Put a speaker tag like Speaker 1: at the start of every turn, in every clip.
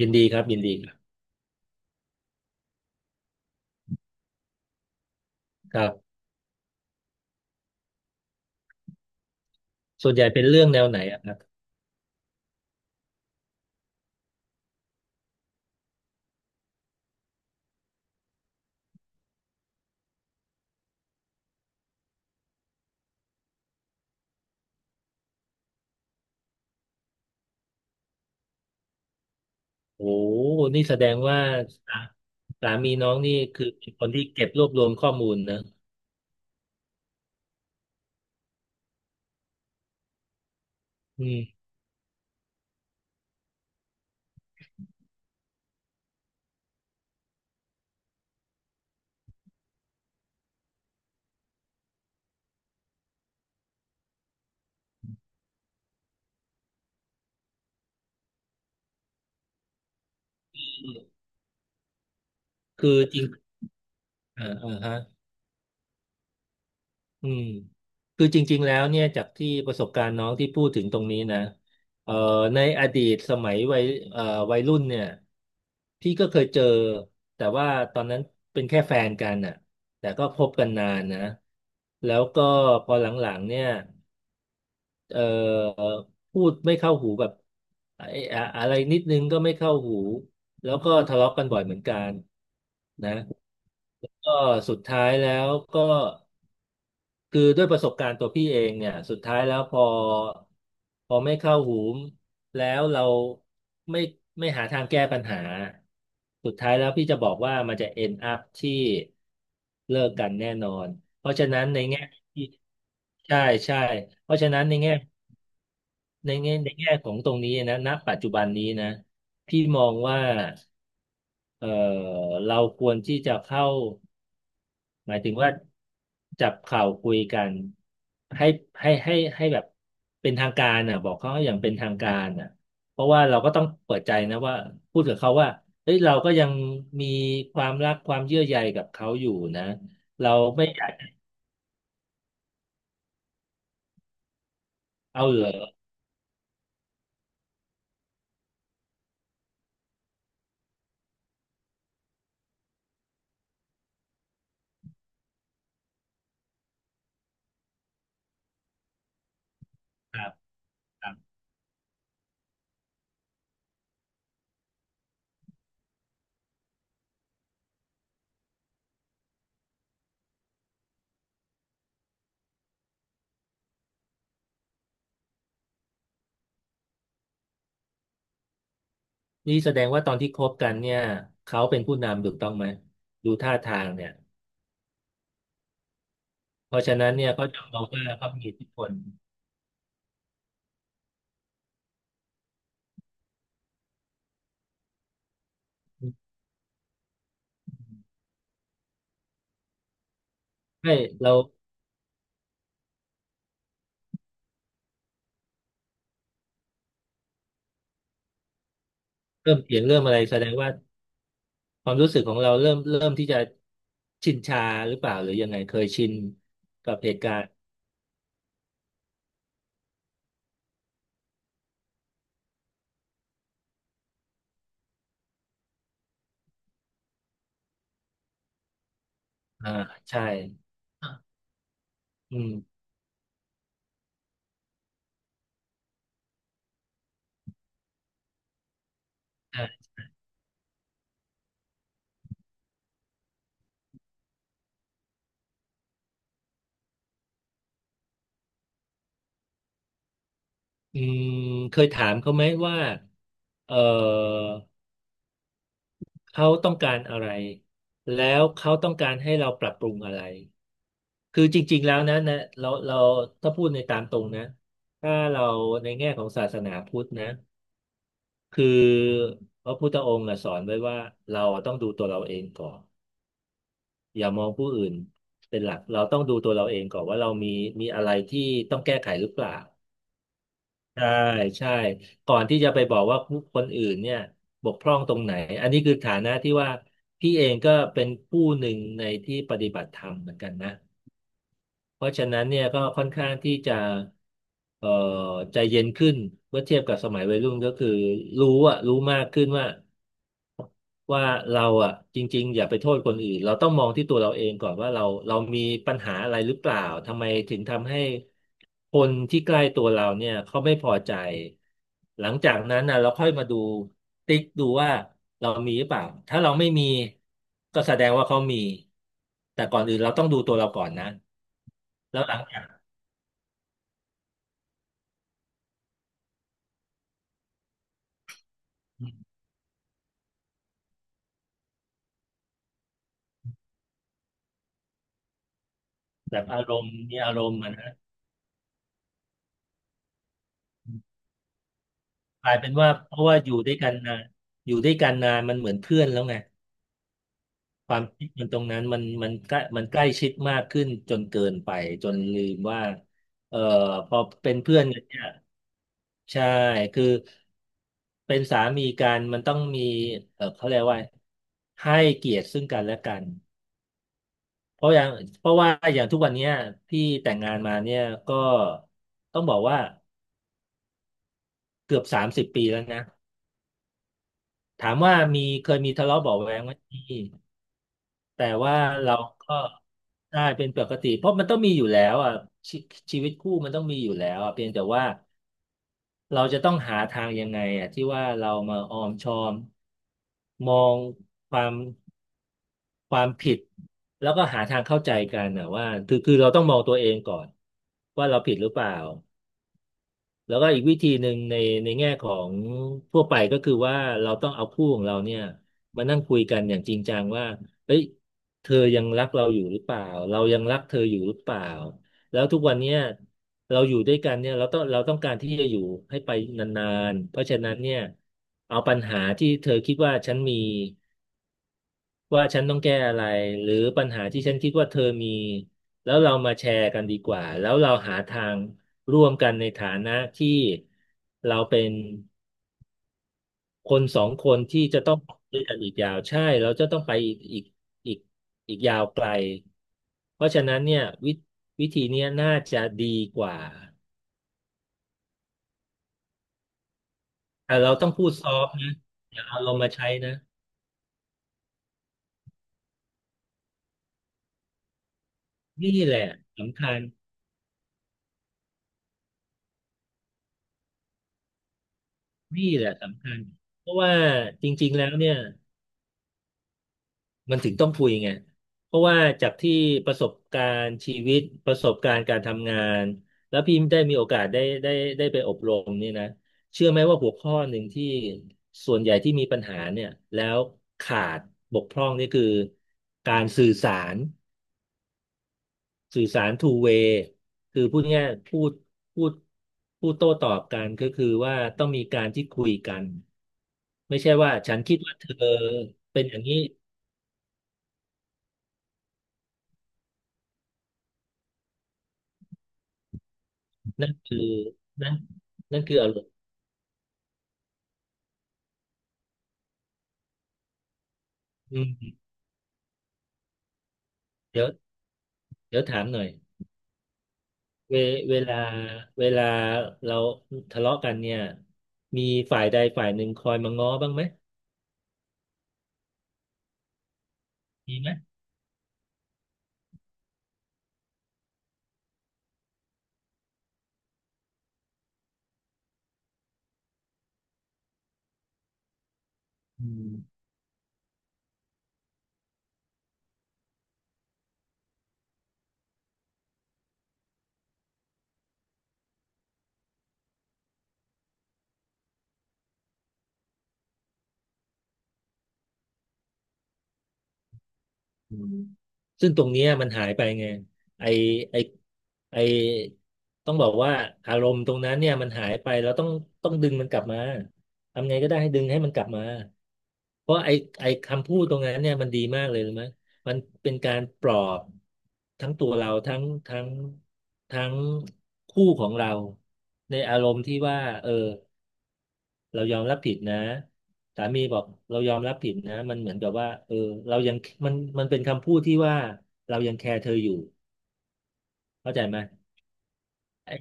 Speaker 1: ยินดีครับยินดีครับครับส่วนใหญ่เป็นเรื่องแนวไหนอะครับโอ้นี่แสดงว่าสาสามีน้องนี่คือเป็นคนที่เก็บรวบรวมข้อมูลนะอืมคือจริงอ่าอ่าฮะอืมคือจริงๆแล้วเนี่ยจากที่ประสบการณ์น้องที่พูดถึงตรงนี้นะเอ่อในอดีตสมัยวัยเอ่อวัยรุ่นเนี่ยพี่ก็เคยเจอแต่ว่าตอนนั้นเป็นแค่แฟนกันน่ะแต่ก็คบกันนานนะแล้วก็พอหลังๆเนี่ย เอ่อพูดไม่เข้าหูแบบไอ้อะไรนิดนึงก็ไม่เข้าหูแล้วก็ทะเลาะกันบ่อยเหมือนกันนะก็สุดท้ายแล้วก็คือด้วยประสบการณ์ตัวพี่เองเนี่ยสุดท้ายแล้วพอไม่เข้าหูแล้วเราไม่ไม่หาทางแก้ปัญหาสุดท้ายแล้วพี่จะบอกว่ามันจะ end up ที่เลิกกันแน่นอนเพราะฉะนั้นในแง่ที่ใช่ใช่เพราะฉะนั้นในแง่ ในแง่ของตรงนี้นะณปัจจุบันนี้นะพี่มองว่าเออเราควรที่จะเข้าหมายถึงว่าจับเข่าวคุยกันให้ให้แบบเป็นทางการอ่ะบอกเขาอย่างเป็นทางการอ่ะเพราะว่าเราก็ต้องเปิดใจนะว่าพูดกับเขาว่าเฮ้ยเราก็ยังมีความรักความเยื่อใยกับเขาอยู่นะเราไม่อยากเอาเหรอครับ นี่แสดงว่าตอนที่คบกันเนี่ยเขาเป็นผู้นำถูกต้องไหมดูท่าทางเนี่ยเพราะฉะนั้นเนี่ยเขาจะมองว่าเขามีอิทธิพลให้เราเริ่มเถียงเริ่มอะไรแสดงว่าความรู้สึกของเราเริ่มที่จะชินชาหรือเปล่าหรือยังไงเคยชินกับเหตุการณ์อ่าใช่อะอืมใช่อืมเคยถามเขาไหมว่าเออเขาต้องการอะไรแล้วเขาต้องการให้เราปรับปรุงอะไร คือจริงๆแล้วนะเราถ้าพูดในตามตรงนะถ้าเราในแง่ของศาสนาพุทธนะคือพระพุทธองค์อะสอนไว้ว่าเราต้องดูตัวเราเองก่อนอย่ามองผู้อื่นเป็นหลักเราต้องดูตัวเราเองก่อนว่าเรามีอะไรที่ต้องแก้ไขหรือเปล่าใช่ใช่ก่อนที่จะไปบอกว่าผู้คนอื่นเนี่ยบกพร่องตรงไหนอันนี้คือฐานะที่ว่าพี่เองก็เป็นผู้หนึ่งในที่ปฏิบัติธรรมเหมือนกันนะ เพราะฉะนั้นเนี่ยก็ค่อนข้างที่จะเอ่อใจเย็นขึ้นเมื่อเทียบกับสมัยวัยรุ่นก็คือรู้อะรู้มากขึ้นว่าว่าเราอะจริงๆอย่าไปโทษคนอื่นเราต้องมองที่ตัวเราเองก่อนว่าเรามีปัญหาอะไรหรือเปล่าทำไมถึงทำให้คนที่ใกล้ตัวเราเนี่ยเขาไม่พอใจหลังจากนั้นนะเราค่อยมาดูติ๊กดูว่าเรามีหรือเปล่าถ้าเราไม่มีก็แสดงว่าเขามีแต่ก่อนอื่นเราต้องดูตัวเราก่อนนะแล้วหลังจาก แบบอารมณ์มีอารมณ์อะนะกลายเป็นว่าเพราะว่าอยู่ด้วยกันนานอยู่ด้วยกันนานมันเหมือนเพื่อนแล้วไงความคิดมันตรงนั้นมันใกล้มันใกล้ชิดมากขึ้นจนเกินไปจนลืมว่าเอ่อพอเป็นเพื่อนกันเนี่ยใช่คือเป็นสามีกันมันต้องมีเออเขาเรียกว่าให้เกียรติซึ่งกันและกันเพราะอย่างเพราะว่าอย่างทุกวันเนี้ยพี่แต่งงานมาเนี่ยก็ต้องบอกว่าเกือบ30 ปีแล้วนะ ถามว่ามีเคยมีทะเลาะเบาะแว้งไหมมีแต่ว่าเราก็ได้เป็นปกติเพราะมันต้องมีอยู่แล้วอ่ะชีชีวิตคู่มันต้องมีอยู่แล้วอ่ะเพียงแต่ว่าเราจะต้องหาทางยังไงอ่ะที่ว่าเรามาออมชอมมองความความผิดแล้วก็หาทางเข้าใจกันนะว่าคือเราต้องมองตัวเองก่อนว่าเราผิดหรือเปล่า แล้วก็อีกวิธีหนึ่งในแง่ของทั่วไปก็คือว่าเราต้องเอาคู่ของเราเนี่ยมานั่งคุยกันอย่างจริงจังว่าเฮ้ยเธอยังรักเราอยู่หรือเปล่าเรายังรักเธออยู่หรือเปล่าแล้วทุกวันเนี้ยเราอยู่ด้วยกันเนี่ยเราต้องการที่จะอยู่ให้ไปนานๆเพราะฉะนั้นเนี่ยเอาปัญหาที่เธอคิดว่าฉันมี ว่าฉันต้องแก้อะไรหรือปัญหาที่ฉันคิดว่าเธอมีแล้วเรามาแชร์กันดีกว่าแล้วเราหาทางร่วมกันในฐานะที่เราเป็นคนสองคนที่จะต้องไปด้วยกันอีกยาวใช่เราจะต้องไปอีกอีกอีกยาวไกลเพราะฉะนั้นเนี่ยวิธีเนี้ยน่าจะดีกว่าแต่เราต้องพูดซอฟต์นะอย่าเอาลงมาใช้นะนี่แหละสำคัญนี่แหละสำคัญเพราะว่าจริงๆแล้วเนี่ย มันถึงต้องคุยไง เพราะว่าจากที่ประสบการณ์ชีวิตประสบการณ์การทำงานแล้วพี่ได้มีโอกาสได้ไปอบรมนี่นะเชื่อไหมว่าหัวข้อหนึ่งที่ส่วนใหญ่ที่มีปัญหาเนี่ยแล้วขาดบกพร่องนี่คือการรสื่อสาร two way คือพูดง่ายๆพูดพูดโต้ตอบกันก็คือว่าต้องมีการที่คุยกันไม่ใช่ว่าฉันคิดว่าเธอเป็นอย่างนี้ นั่นคือนั่นนั่นคืออารมณ์อืมเดี๋ยวเดี๋ยวถามหน่อยเวเวลาเวลาเราทะเลาะกันเนี่ยมีฝ่ายใดฝ่ายหนึ่งคอยมาง้อบ้างไหมมีไหมอืม อืมซึ่งตรงเนี้ยมันหายไปไงไอไอไอต้องบอกว่าอารมณ์ตรงนั้นเนี่ยมันหายไปเราต้องดึงมันกลับมาทำไงก็ได้ให้ดึงให้มันกลับมาเพราะไอคำพูดตรงนั้นเนี่ยมันดีมากเลยรู้ไหมมันเป็นการปลอบทั้งตัวเราทั้งทั้งคู่ของเราในอารมณ์ที่ว่าเออ เรายอมรับผิดนะสามีบอกเรายอมรับผิดนะมันเหมือนกับว่าเออเรายังมันเป็นคำพูดที่ว่าเรายังแคร์เธออยู่เข้าใจไหมไอ้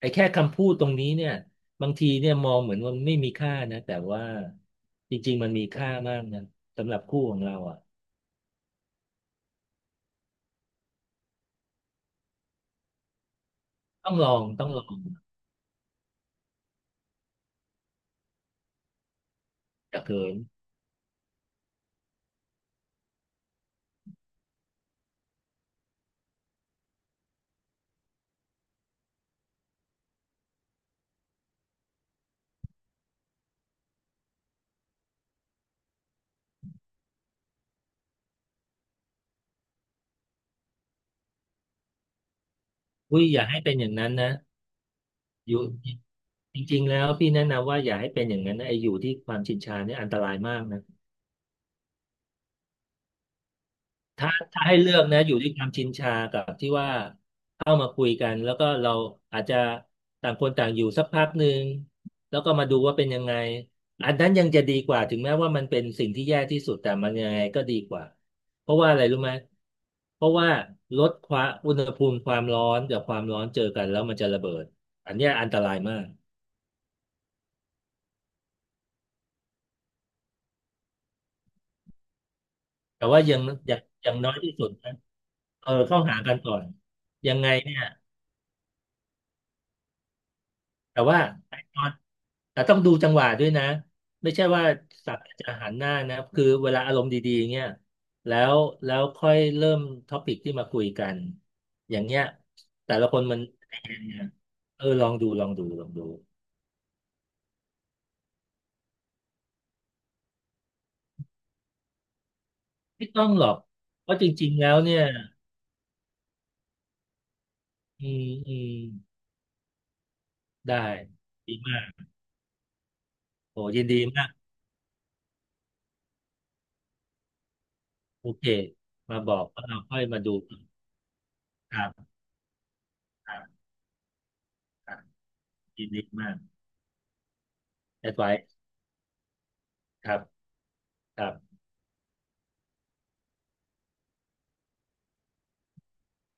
Speaker 1: ไอ้แค่คำพูดตรงนี้เนี่ยบางทีเนี่ยมองเหมือนว่าไม่มีค่านะแต่ว่าจริงๆมันมีค่ามากนะสำหรับคู่ของเราอ่ะต้องลองอย่าเขินอุ้ยอย่าให้เป็นอย่างนั้นนะอยู่จริงๆแล้วพี่แนะนำว่าอย่าให้เป็นอย่างนั้นนะไอ้อยู่ที่ความชินชาเนี่ยอันตรายมากนะ ถ้าให้เลือกนะอยู่ที่ความชินชากับที่ว่าเข้ามาคุยกันแล้วก็เราอาจจะต่างคนต่างอยู่สักพักหนึ่งแล้วก็มาดูว่าเป็นยังไงอันนั้นยังจะดีกว่าถึงแม้ว่ามันเป็นสิ่งที่แย่ที่สุดแต่มันยังไงก็ดีกว่าเพราะว่าอะไรรู้ไหมเพราะว่าลดความอุณหภูมิความร้อนกับความร้อนเจอกันแล้วมันจะระเบิดอันเนี้ยอันตรายมากแต่ว่ายังอย่างน้อยที่สุดนะเออเข้าหากันก่อนยังไงเนี่ย แต่ว่าไอ้ตอนแต่ต้องดูจังหวะด้วยนะไม่ใช่ว่าสักจะหันหน้านะคือเวลาอารมณ์ดีๆเงี้ยแล้วแล้วค่อยเริ่มท็อปิกที่มาคุยกันอย่างเงี้ยแต่ละคนมันเออลองดูลองดูลองดูไม่ต้องหรอกเพราะจริงๆแล้วเนี่ยอืมอืมได้ดีมากโอ้ยินดีมากโอเคมาบอกว่าเราค่อยมาดูครับครับครับยินดีมากแอดไว้ครับครับ